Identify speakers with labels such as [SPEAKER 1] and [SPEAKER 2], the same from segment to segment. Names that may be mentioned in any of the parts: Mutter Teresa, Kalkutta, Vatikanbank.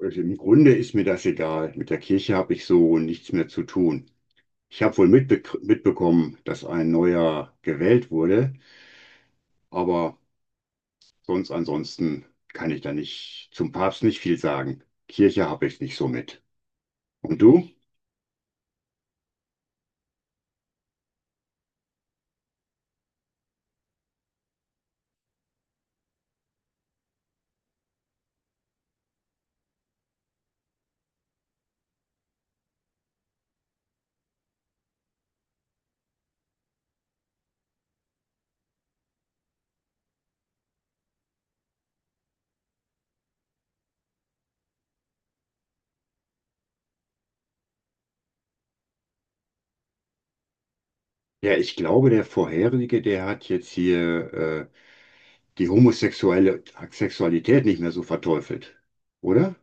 [SPEAKER 1] Also im Grunde ist mir das egal. Mit der Kirche habe ich so nichts mehr zu tun. Ich habe wohl mitbekommen, dass ein neuer gewählt wurde, aber sonst ansonsten kann ich da nicht zum Papst nicht viel sagen. Kirche habe ich nicht so mit. Und du? Ja, ich glaube, der vorherige, der hat jetzt hier die homosexuelle Sexualität nicht mehr so verteufelt, oder?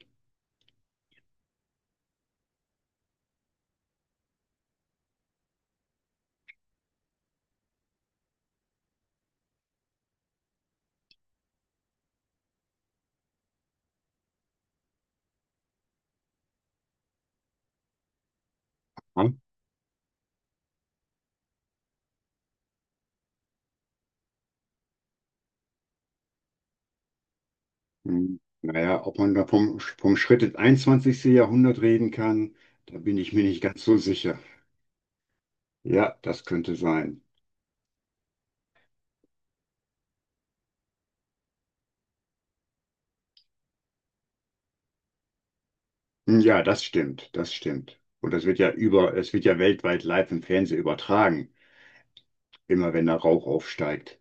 [SPEAKER 1] Hm? Hm, naja, ob man da vom Schritt ins einundzwanzigste Jahrhundert reden kann, da bin ich mir nicht ganz so sicher. Ja, das könnte sein. Hm, ja, das stimmt, das stimmt. Und das wird ja es wird ja weltweit live im Fernsehen übertragen, immer wenn da Rauch aufsteigt.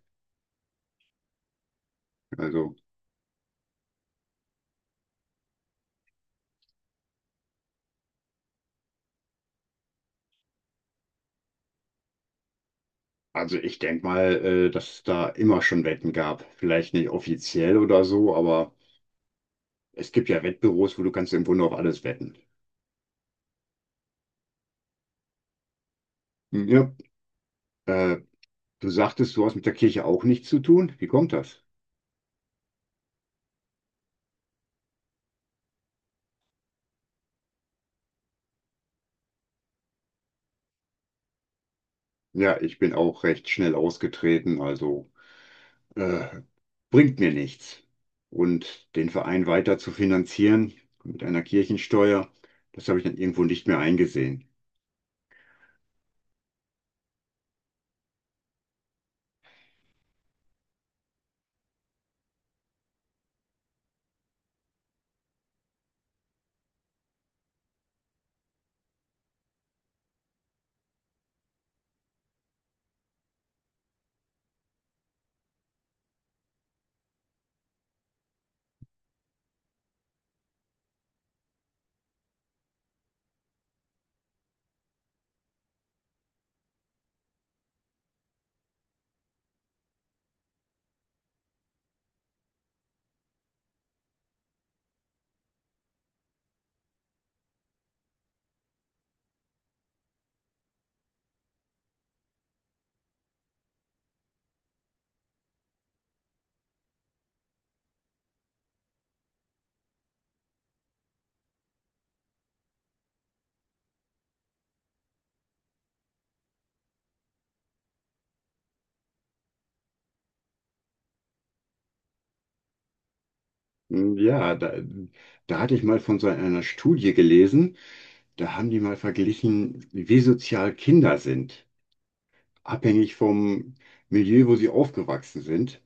[SPEAKER 1] Also, also ich denke mal, dass es da immer schon Wetten gab. Vielleicht nicht offiziell oder so, aber es gibt ja Wettbüros, wo du kannst im Grunde auf alles wetten. Hm, ja, äh, du sagtest, du hast mit der Kirche auch nichts zu tun. Wie kommt das? Ja, ich bin auch recht schnell ausgetreten, also äh, bringt mir nichts. Und den Verein weiter zu finanzieren mit einer Kirchensteuer, das habe ich dann irgendwo nicht mehr eingesehen. Hm, ja, da hatte ich mal von so einer Studie gelesen, da haben die mal verglichen, wie sozial Kinder sind, abhängig vom Milieu, wo sie aufgewachsen sind.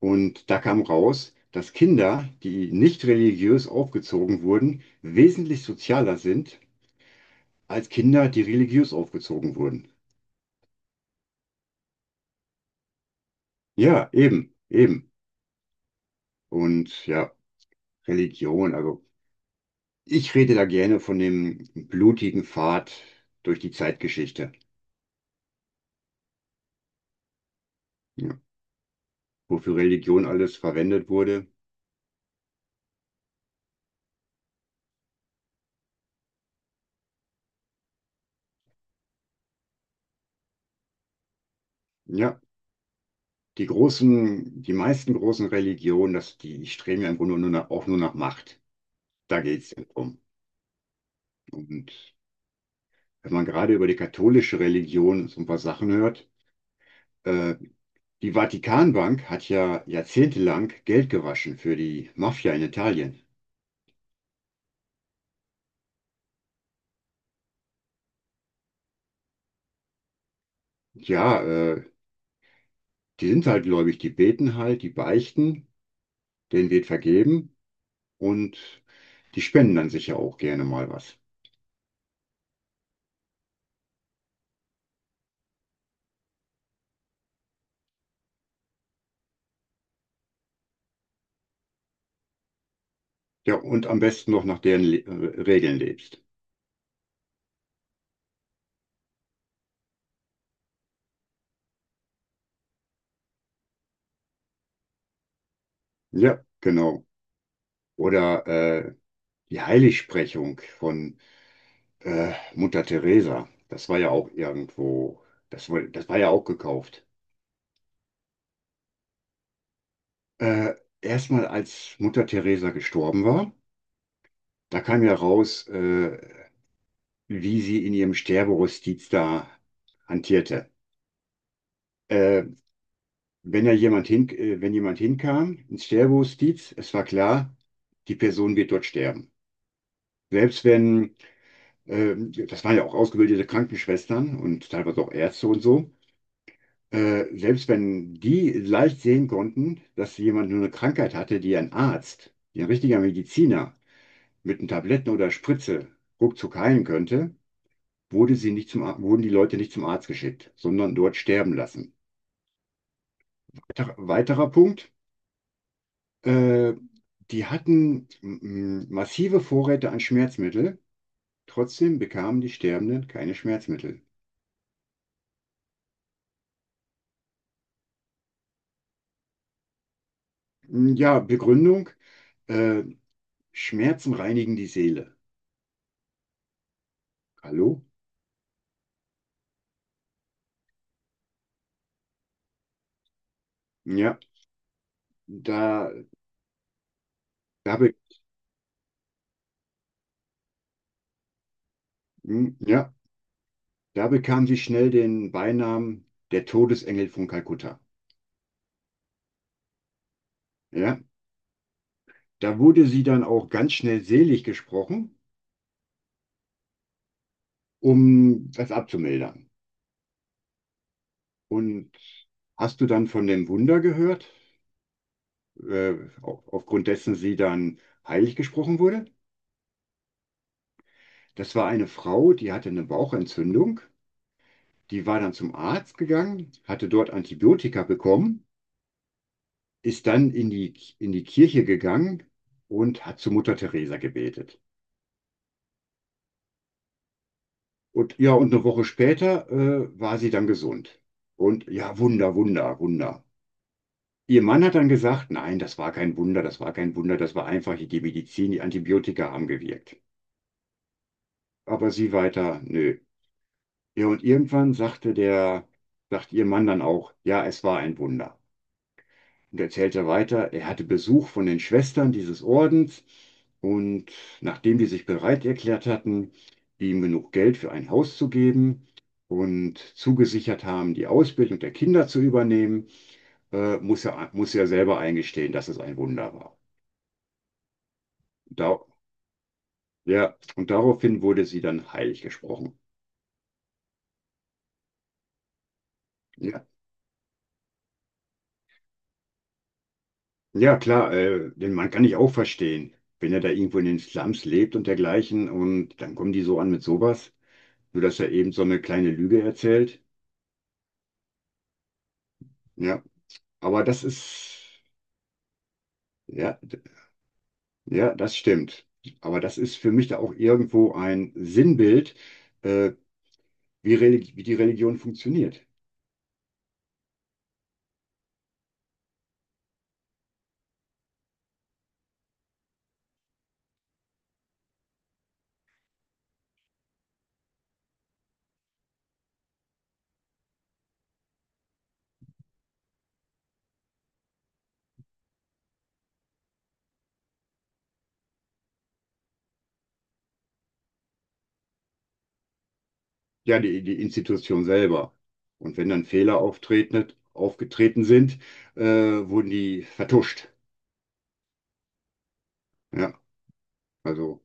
[SPEAKER 1] Und da kam raus, dass Kinder, die nicht religiös aufgezogen wurden, wesentlich sozialer sind als Kinder, die religiös aufgezogen wurden. Ja, eben, eben. Und ja, Religion, also ich rede da gerne von dem blutigen Pfad durch die Zeitgeschichte, ja, wofür Religion alles verwendet wurde. Ja. Die meisten großen Religionen, die streben ja im Grunde nur auch nur nach Macht. Da geht es drum. Und wenn man gerade über die katholische Religion so ein paar Sachen hört, äh, die Vatikanbank hat ja jahrzehntelang Geld gewaschen für die Mafia in Italien. Ja, äh, die sind halt gläubig, die beten halt, die beichten, denen wird vergeben und die spenden dann sicher auch gerne mal was. Ja, und am besten noch nach deren Le Regeln lebst. Ja, genau. Oder die Heiligsprechung von Mutter Teresa. Das war ja auch irgendwo, das war ja auch gekauft. Äh, erstmal als Mutter Teresa gestorben war, da kam ja raus, wie sie in ihrem Sterberustiz da hantierte. Äh, wenn jemand hinkam ins Sterberustiz, es war klar, die Person wird dort sterben. Selbst wenn, äh, das waren ja auch ausgebildete Krankenschwestern und teilweise auch Ärzte und so. Selbst wenn die leicht sehen konnten, dass jemand nur eine Krankheit hatte, die ein richtiger Mediziner mit einem Tabletten oder Spritze ruckzuck heilen könnte, wurde sie nicht zum, Ar- wurden die Leute nicht zum Arzt geschickt, sondern dort sterben lassen. Weiterer Punkt, äh, die hatten massive Vorräte an Schmerzmittel, trotzdem bekamen die Sterbenden keine Schmerzmittel. Mm, ja, Begründung, äh, Schmerzen reinigen die Seele. Hallo? Ja, da Da be ja, da bekam sie schnell den Beinamen der Todesengel von Kalkutta. Ja, da wurde sie dann auch ganz schnell selig gesprochen, um das abzumildern. Und hast du dann von dem Wunder gehört, äh, aufgrund dessen sie dann heilig gesprochen wurde? Das war eine Frau, die hatte eine Bauchentzündung, die war dann zum Arzt gegangen, hatte dort Antibiotika bekommen, ist dann in in die Kirche gegangen und hat zu Mutter Teresa gebetet. Und ja, und eine Woche später war sie dann gesund. Und ja, Wunder, Wunder, Wunder. Ihr Mann hat dann gesagt, nein, das war kein Wunder, das war kein Wunder, das war einfach die Medizin, die Antibiotika haben gewirkt. Aber sie weiter, nö. Ja, und irgendwann sagt ihr Mann dann auch, ja, es war ein Wunder. Und erzählt er weiter, er hatte Besuch von den Schwestern dieses Ordens, und nachdem die sich bereit erklärt hatten, ihm genug Geld für ein Haus zu geben und zugesichert haben, die Ausbildung der Kinder zu übernehmen, muss er selber eingestehen, dass es ein Wunder war. Da, ja, und daraufhin wurde sie dann heilig gesprochen. Ja, ja klar, den Mann kann ich auch verstehen, wenn er da irgendwo in den Slums lebt und dergleichen und dann kommen die so an mit sowas. Nur, dass er eben so eine kleine Lüge erzählt. Ja, aber ja, ja, das stimmt. Aber das ist für mich da auch irgendwo ein Sinnbild, äh, wie die Religion funktioniert. Ja, die, die Institution selber. Und wenn dann aufgetreten sind, wurden die vertuscht. Ja, also.